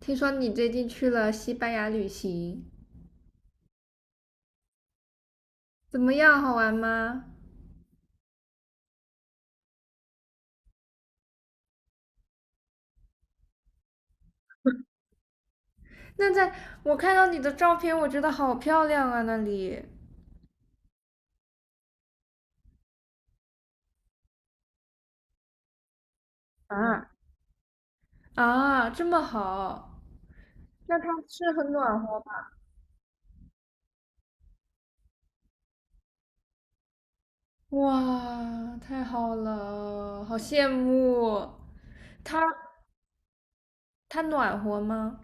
听说你最近去了西班牙旅行，怎么样？好玩吗？那在我看到你的照片，我觉得好漂亮啊，那里啊，啊，这么好。那它是很暖和吧？哇，太好了，好羡慕。它它暖和吗？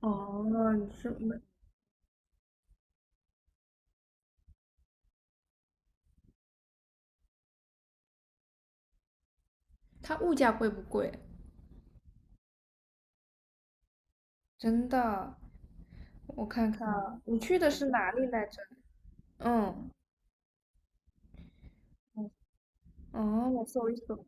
哦，你是没它物价贵不贵？真的，我看看，啊？你去的是哪里来着？嗯，哦，我搜一搜。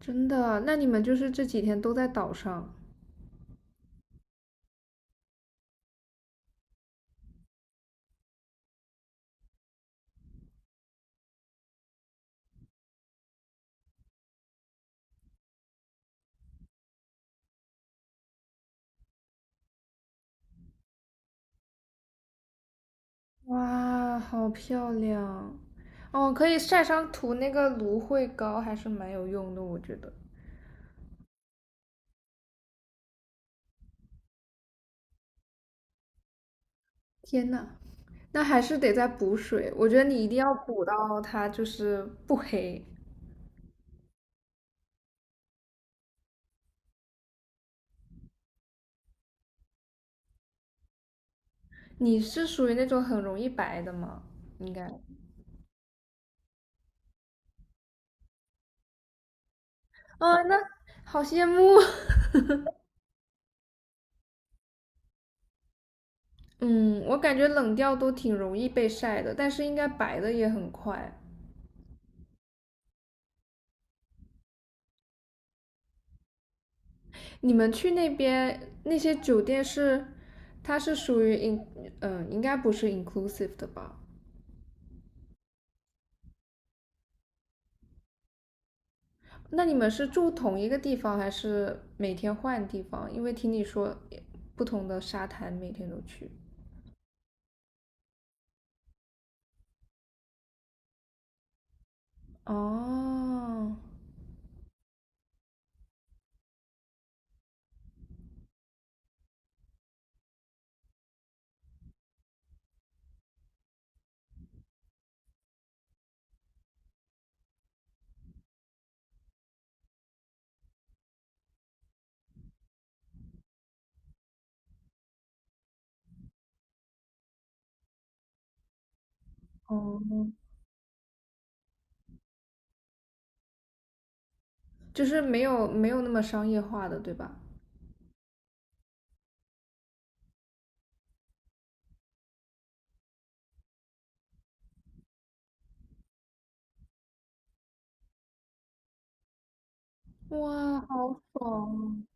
真的，那你们就是这几天都在岛上。哇，好漂亮！哦，可以晒伤涂那个芦荟膏，还是蛮有用的，我觉得。天呐，那还是得再补水，我觉得你一定要补到它就是不黑。你是属于那种很容易白的吗？应该。啊，那好羡慕。嗯，我感觉冷调都挺容易被晒的，但是应该白的也很快。你们去那边那些酒店是，它是属于 in，应该不是 inclusive 的吧？那你们是住同一个地方，还是每天换地方？因为听你说不同的沙滩每天都去。哦。哦，就是没有没有那么商业化的，对吧？哇，好爽啊。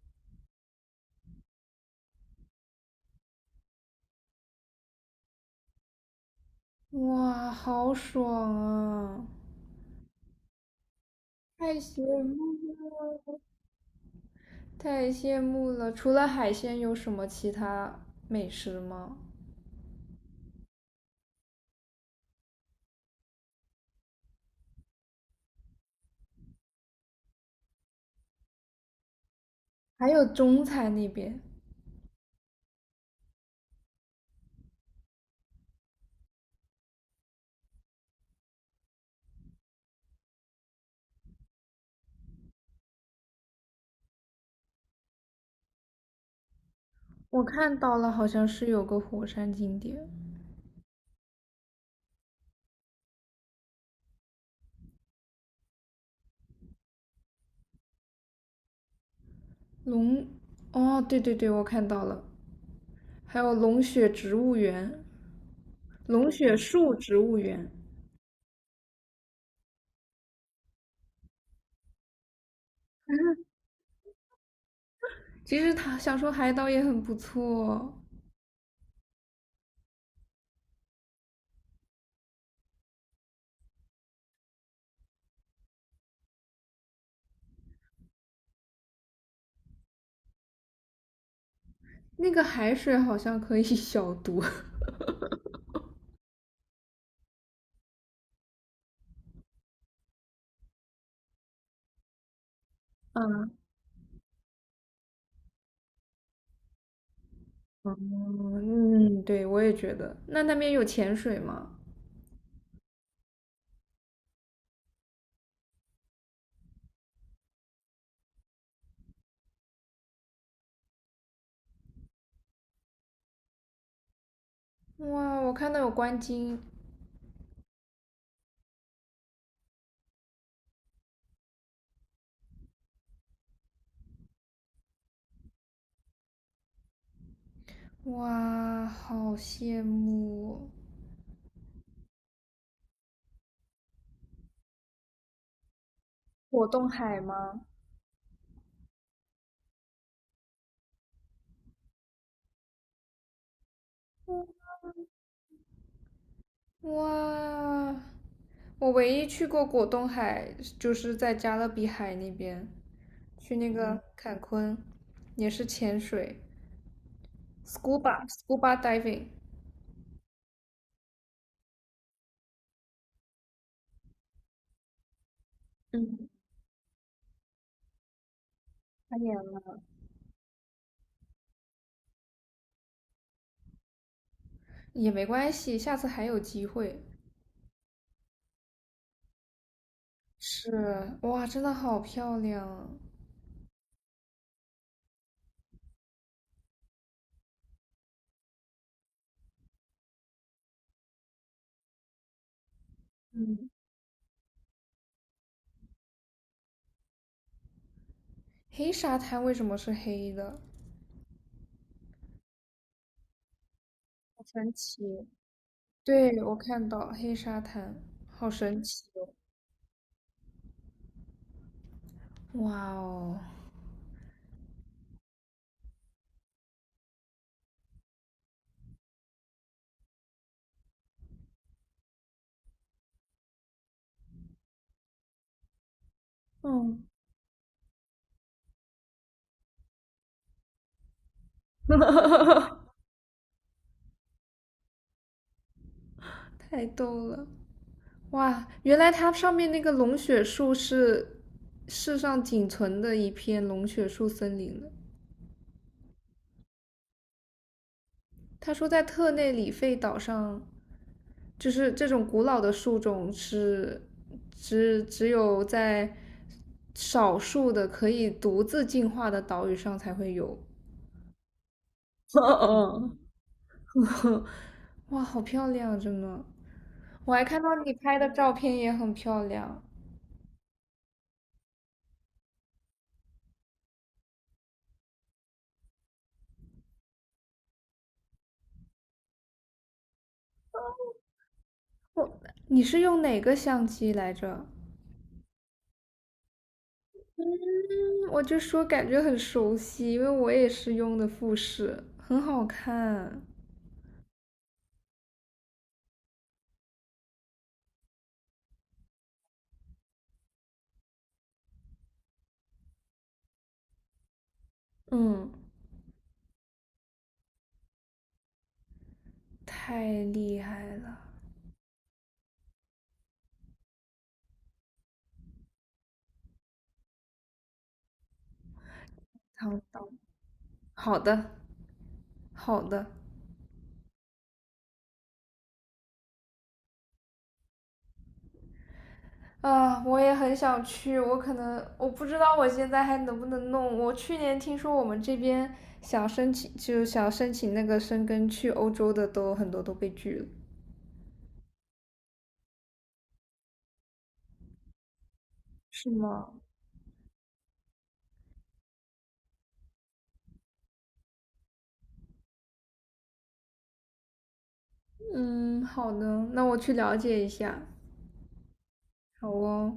哇，好爽啊！太羡慕了！太羡慕了！除了海鲜，有什么其他美食吗？还有中餐那边？我看到了，好像是有个火山景点。龙，哦，对对对，我看到了，还有龙血植物园，龙血树植物园。其实他想说海岛也很不错。那个海水好像可以 消毒。嗯嗯，对，我也觉得。那边有潜水吗？哇，我看到有观鲸。哇，好羡慕哦。果冻海吗？哦，哇，我唯一去过果冻海就是在加勒比海那边，去那个坎昆，也是潜水，scuba diving。 嗯，太远了。也没关系，下次还有机会。是，哇，真的好漂亮啊。嗯，黑沙滩为什么是黑的？好神奇。对，我看到黑沙滩，好神奇哦！哇哦。嗯。太逗了！哇，原来它上面那个龙血树是世上仅存的一片龙血树森林了。他说，在特内里费岛上，就是这种古老的树种是只有在少数的可以独自进化的岛屿上才会有。嗯 哇，好漂亮啊，真的！我还看到你拍的照片也很漂亮。我，你是用哪个相机来着？嗯，我就说感觉很熟悉，因为我也是用的富士，很好看。嗯，太厉害了。好的，好的，好的。啊，我也很想去，我可能我不知道我现在还能不能弄。我去年听说我们这边想申请，就想申请那个申根去欧洲的都很多都被拒了。是吗？嗯，好的，那我去了解一下。好哦。